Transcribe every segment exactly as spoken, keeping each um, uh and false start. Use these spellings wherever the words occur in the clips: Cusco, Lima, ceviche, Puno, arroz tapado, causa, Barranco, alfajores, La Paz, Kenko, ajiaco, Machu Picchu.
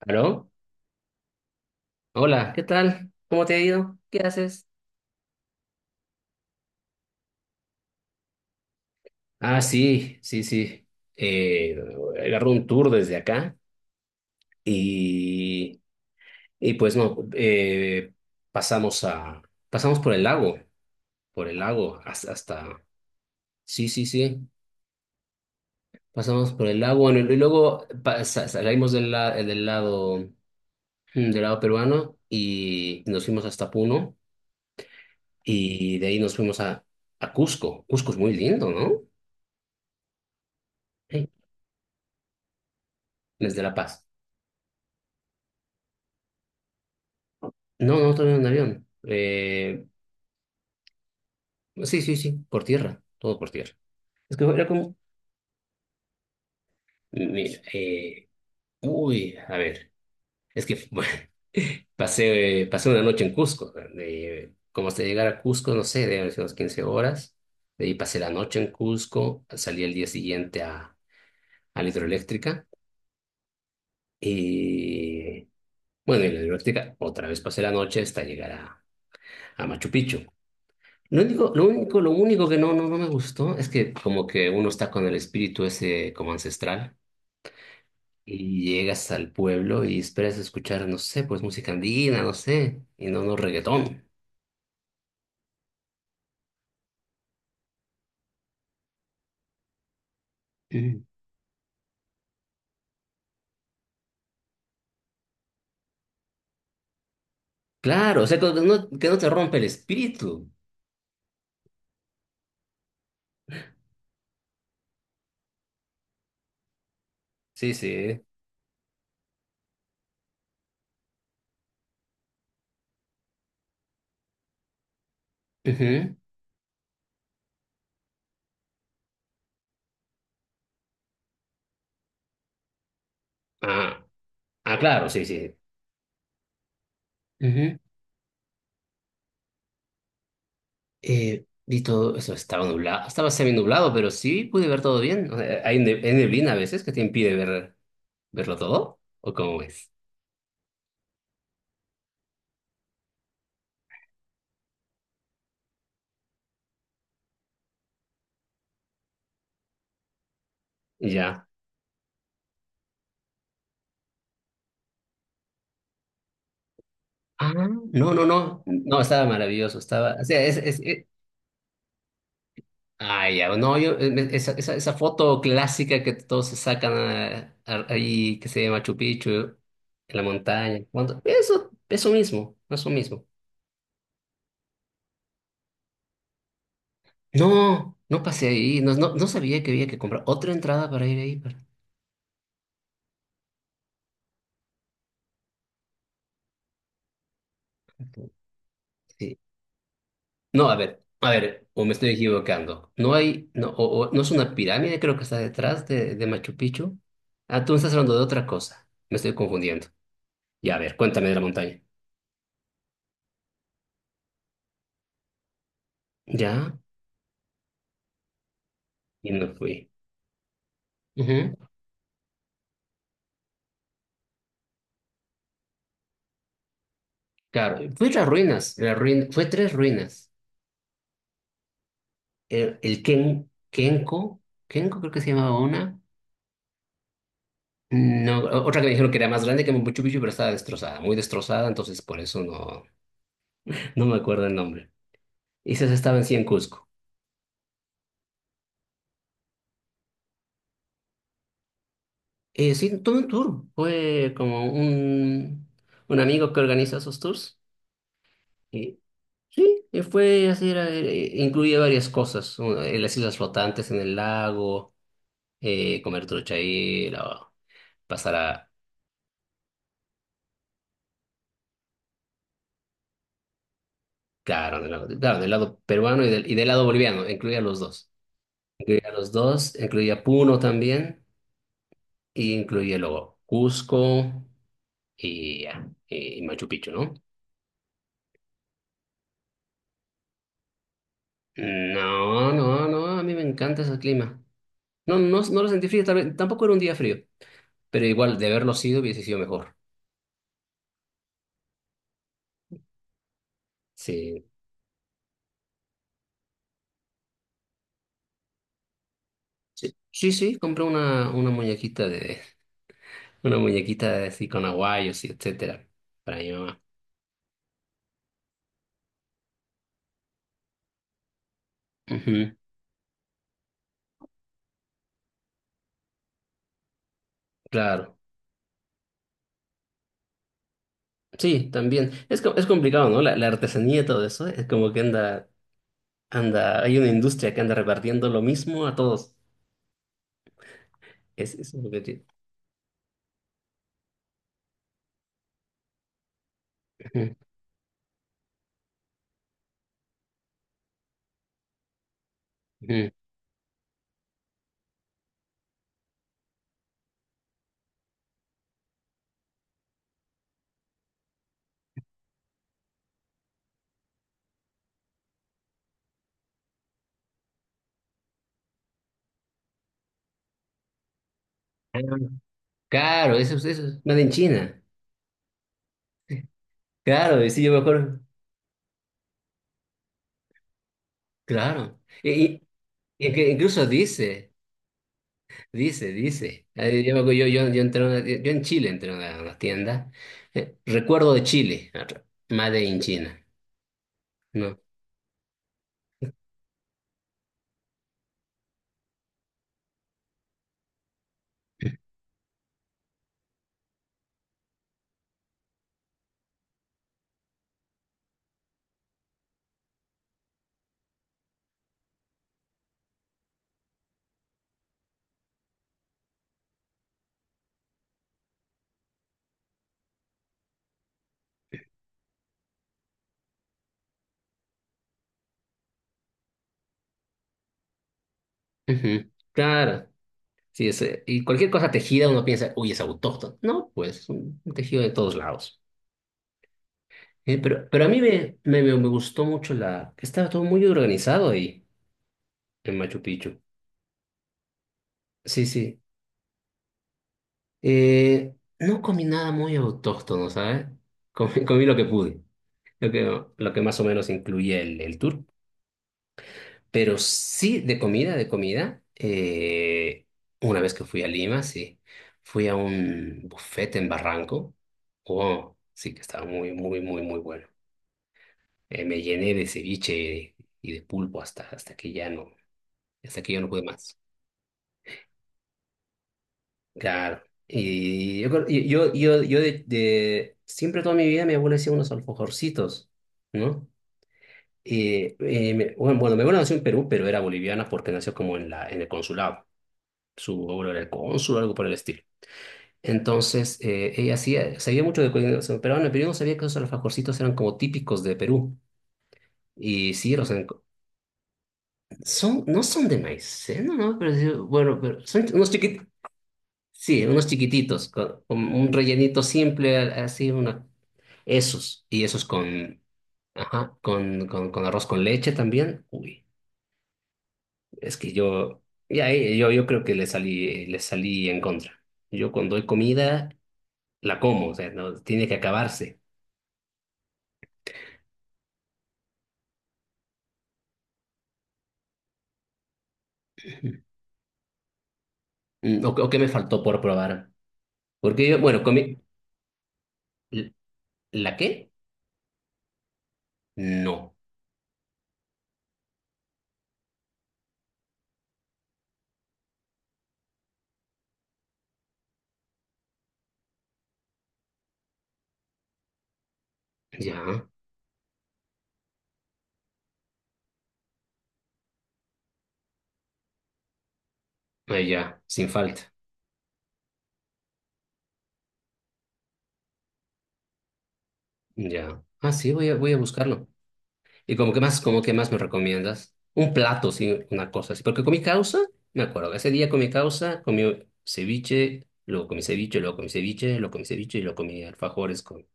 ¿Aló? Hola, ¿qué tal? ¿Cómo te ha ido? ¿Qué haces? Ah, sí, sí, sí. Eh, agarró un tour desde acá y, y pues no, eh, pasamos a, pasamos por el lago, por el lago hasta, hasta- Sí, sí, sí, pasamos por el lago, bueno, y luego pasa- salimos del, la- del lado, mm, del lado peruano y nos fuimos hasta Puno y de ahí nos fuimos a, a Cusco. Cusco es muy lindo, ¿no? Sí, desde La Paz. No, no, también en avión. Eh, sí, sí, sí, por tierra, todo por tierra. Es que era como, mira, eh, uy, a ver, es que bueno, pasé, pasé una noche en Cusco. eh, como hasta llegar a Cusco, no sé, deben ser unas quince horas. De ahí pasé la noche en Cusco, salí el día siguiente a, a la hidroeléctrica. Y bueno, en la hidroeléctrica otra vez pasé la noche hasta llegar a, a Machu Picchu. Lo único, lo único, lo único que no, no, no me gustó es que como que uno está con el espíritu ese como ancestral y llegas al pueblo y esperas escuchar, no sé, pues música andina, no sé, y no, no reggaetón. Ujú. Claro, o sea, como que no, que no te rompe el espíritu. Sí, sí. Ujú. Ah, ah, claro, sí, sí. Ujú. Eh, vi todo eso, estaba nublado, estaba semi nublado, pero sí pude ver todo bien. O sea, hay, ne- hay neblina a veces que te impide ver, verlo todo, ¿o cómo es? Ya. Ah, no, no, no, no, estaba maravilloso, estaba, o sea, es, es, es- Ay, ya, no, yo, eh, esa, esa, esa foto clásica que todos se sacan ah, ah, ahí, que se llama Machu Picchu, en la montaña, cuando- Eso, eso mismo, eso mismo. No, no pasé ahí, no, no, no sabía que había que comprar otra entrada para ir ahí, para- sí. No, a ver, a ver, o me estoy equivocando, no hay, no, o, o- no es una pirámide, creo que está detrás de, de Machu Picchu, ah, tú me estás hablando de otra cosa, me estoy confundiendo. Y a ver, cuéntame de la montaña. Ya, y no fui. Ujú, claro, fui a las ruinas, las ruin- fue tres ruinas. El, el Ken, Kenko, Kenko creo que se llamaba una. No, o- otra que me dijeron que era más grande que Machu Picchu, pero estaba destrozada, muy destrozada, entonces por eso no, no me acuerdo el nombre. Y esas estaban sí en Cusco. Eh, sí, tuve un tour, fue como un, un amigo que organiza esos tours. Y, sí, y fue así, era, eh, incluía varias cosas, una- eh, las islas flotantes en el lago, eh, comer truchaíla, pasar a, claro, del lado, claro, del lado peruano y del, y del lado boliviano, incluía los dos. Incluía los dos, incluía Puno también, y incluía luego Cusco y, ya, y Machu Picchu, ¿no? No, no, no, a mí me encanta ese clima. No, no, no lo sentí frío, tal vez- tampoco era un día frío, pero igual de haberlo sido hubiese sido mejor. Sí, sí, sí, sí, compré una, una muñequita de, una muñequita así con aguayos y etcétera, para mi mamá. Ujú. Claro. Sí, también. Es, co- es complicado, ¿no? La, la artesanía y todo eso. Es como que anda, anda, hay una industria que anda repartiendo lo mismo a todos. Es, eso es lo que tiene. Ujú, ujú. Ah, claro, eso, es- eso es made in China. Claro, y sí, yo me acuerdo. Claro. Y, y- y que incluso dice, dice, dice. Eh, Yo, me acuerdo, yo, yo, yo entré a una tie- yo en Chile entré a una, a una tienda. Eh, recuerdo de Chile. Made in China. ¿No? Ujú. Claro. Sí, es, eh, y cualquier cosa tejida uno piensa, uy, es autóctono. No, pues un tejido de todos lados. Eh, pero, pero a mí me, me, me me gustó mucho la... Estaba todo muy organizado ahí, en Machu Picchu. Sí, sí. Eh, no comí nada muy autóctono, ¿sabes? Comí, comí lo que pude, lo que, lo que más o menos incluye el, el tour. Pero sí, de comida, de comida. eh, Una vez que fui a Lima, sí. Fui a un buffet en Barranco. Oh, sí que estaba muy, muy, muy, muy bueno. Eh, me llené de ceviche y de pulpo hasta, hasta que ya no, hasta que ya no pude más. Claro. Y yo, creo- yo, yo, yo de, de- siempre toda mi vida mi abuela hacía unos alfajorcitos, ¿no? Y, y me- bueno, bueno, mi abuela nació en Perú, pero era boliviana porque nació como en la, en el consulado. Su abuelo era el cónsul o algo por el estilo. Entonces, eh, ella hacía, sabía mucho de cocina peruana, pero yo no sabía que esos alfajorcitos eran como típicos de Perú. Y sí, los enco- son, no son de maicena, ¿no? No, pero, sí, bueno, pero son unos chiquititos, sí, unos chiquititos, con, con un rellenito simple, a- así, una, esos, y esos con, ajá, con, con, con arroz con leche también. Uy, es que yo, ya, eh, yo, yo creo que le salí, le salí en contra. Yo cuando doy comida la como, o sea, no, tiene que acabarse. Mm, ¿o, o qué me faltó por probar? Porque yo, bueno, comí... ¿L- ¿La qué? No. Ya, ah, ya, sin falta. Ya. Ah, sí, voy a, voy a buscarlo. ¿Y como que más, como que más me recomiendas? Un plato, sí, una cosa así. Porque comí causa, me acuerdo, ese día comí causa, comí ceviche, luego comí ceviche, luego comí ceviche, luego comí ceviche y luego comí alfajores con,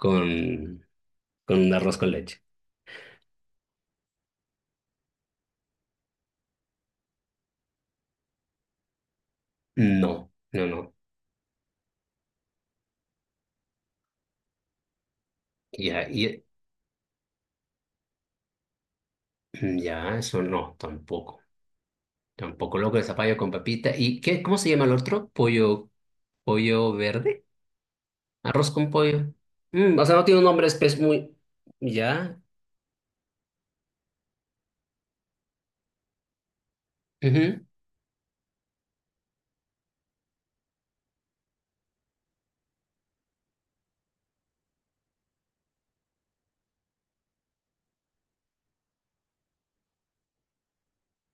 con, con un arroz con leche. No, no, no. Ya, y mm, ya, eso no, tampoco. Tampoco loco de zapallo con papita. ¿Y qué, cómo se llama el otro? Pollo, pollo verde, arroz con pollo. Mm, o sea, no tiene un nombre espe muy. Ya. Ujú,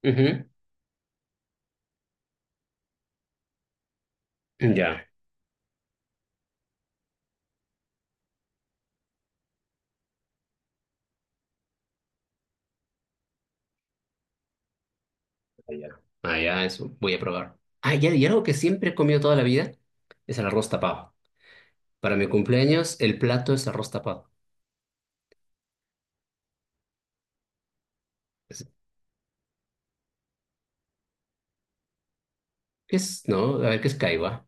ujú. Ya. Ya. Ah, ya, eso. Voy a probar. Ah, ya, y algo que siempre he comido toda la vida es el arroz tapado. Para mi cumpleaños, el plato es arroz tapado. Es- ¿qué es? No, a ver, ¿qué es caiba?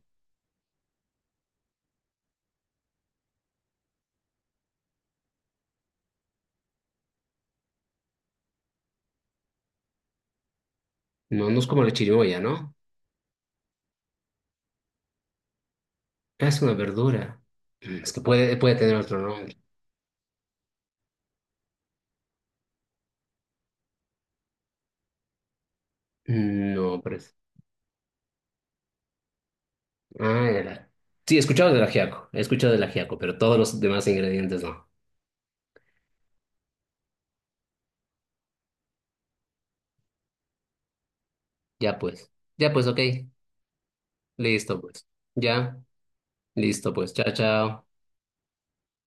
No, no es como la chirimoya, ¿no? Ah, es una verdura. Mm, es que puede, puede tener otro nombre. Mm, no, pero. Ah, de la- sí, he escuchado del ajiaco, he escuchado del ajiaco, pero todos los demás ingredientes no. Ya pues, ya pues, ok. Listo pues. Ya, listo pues. Chao, chao.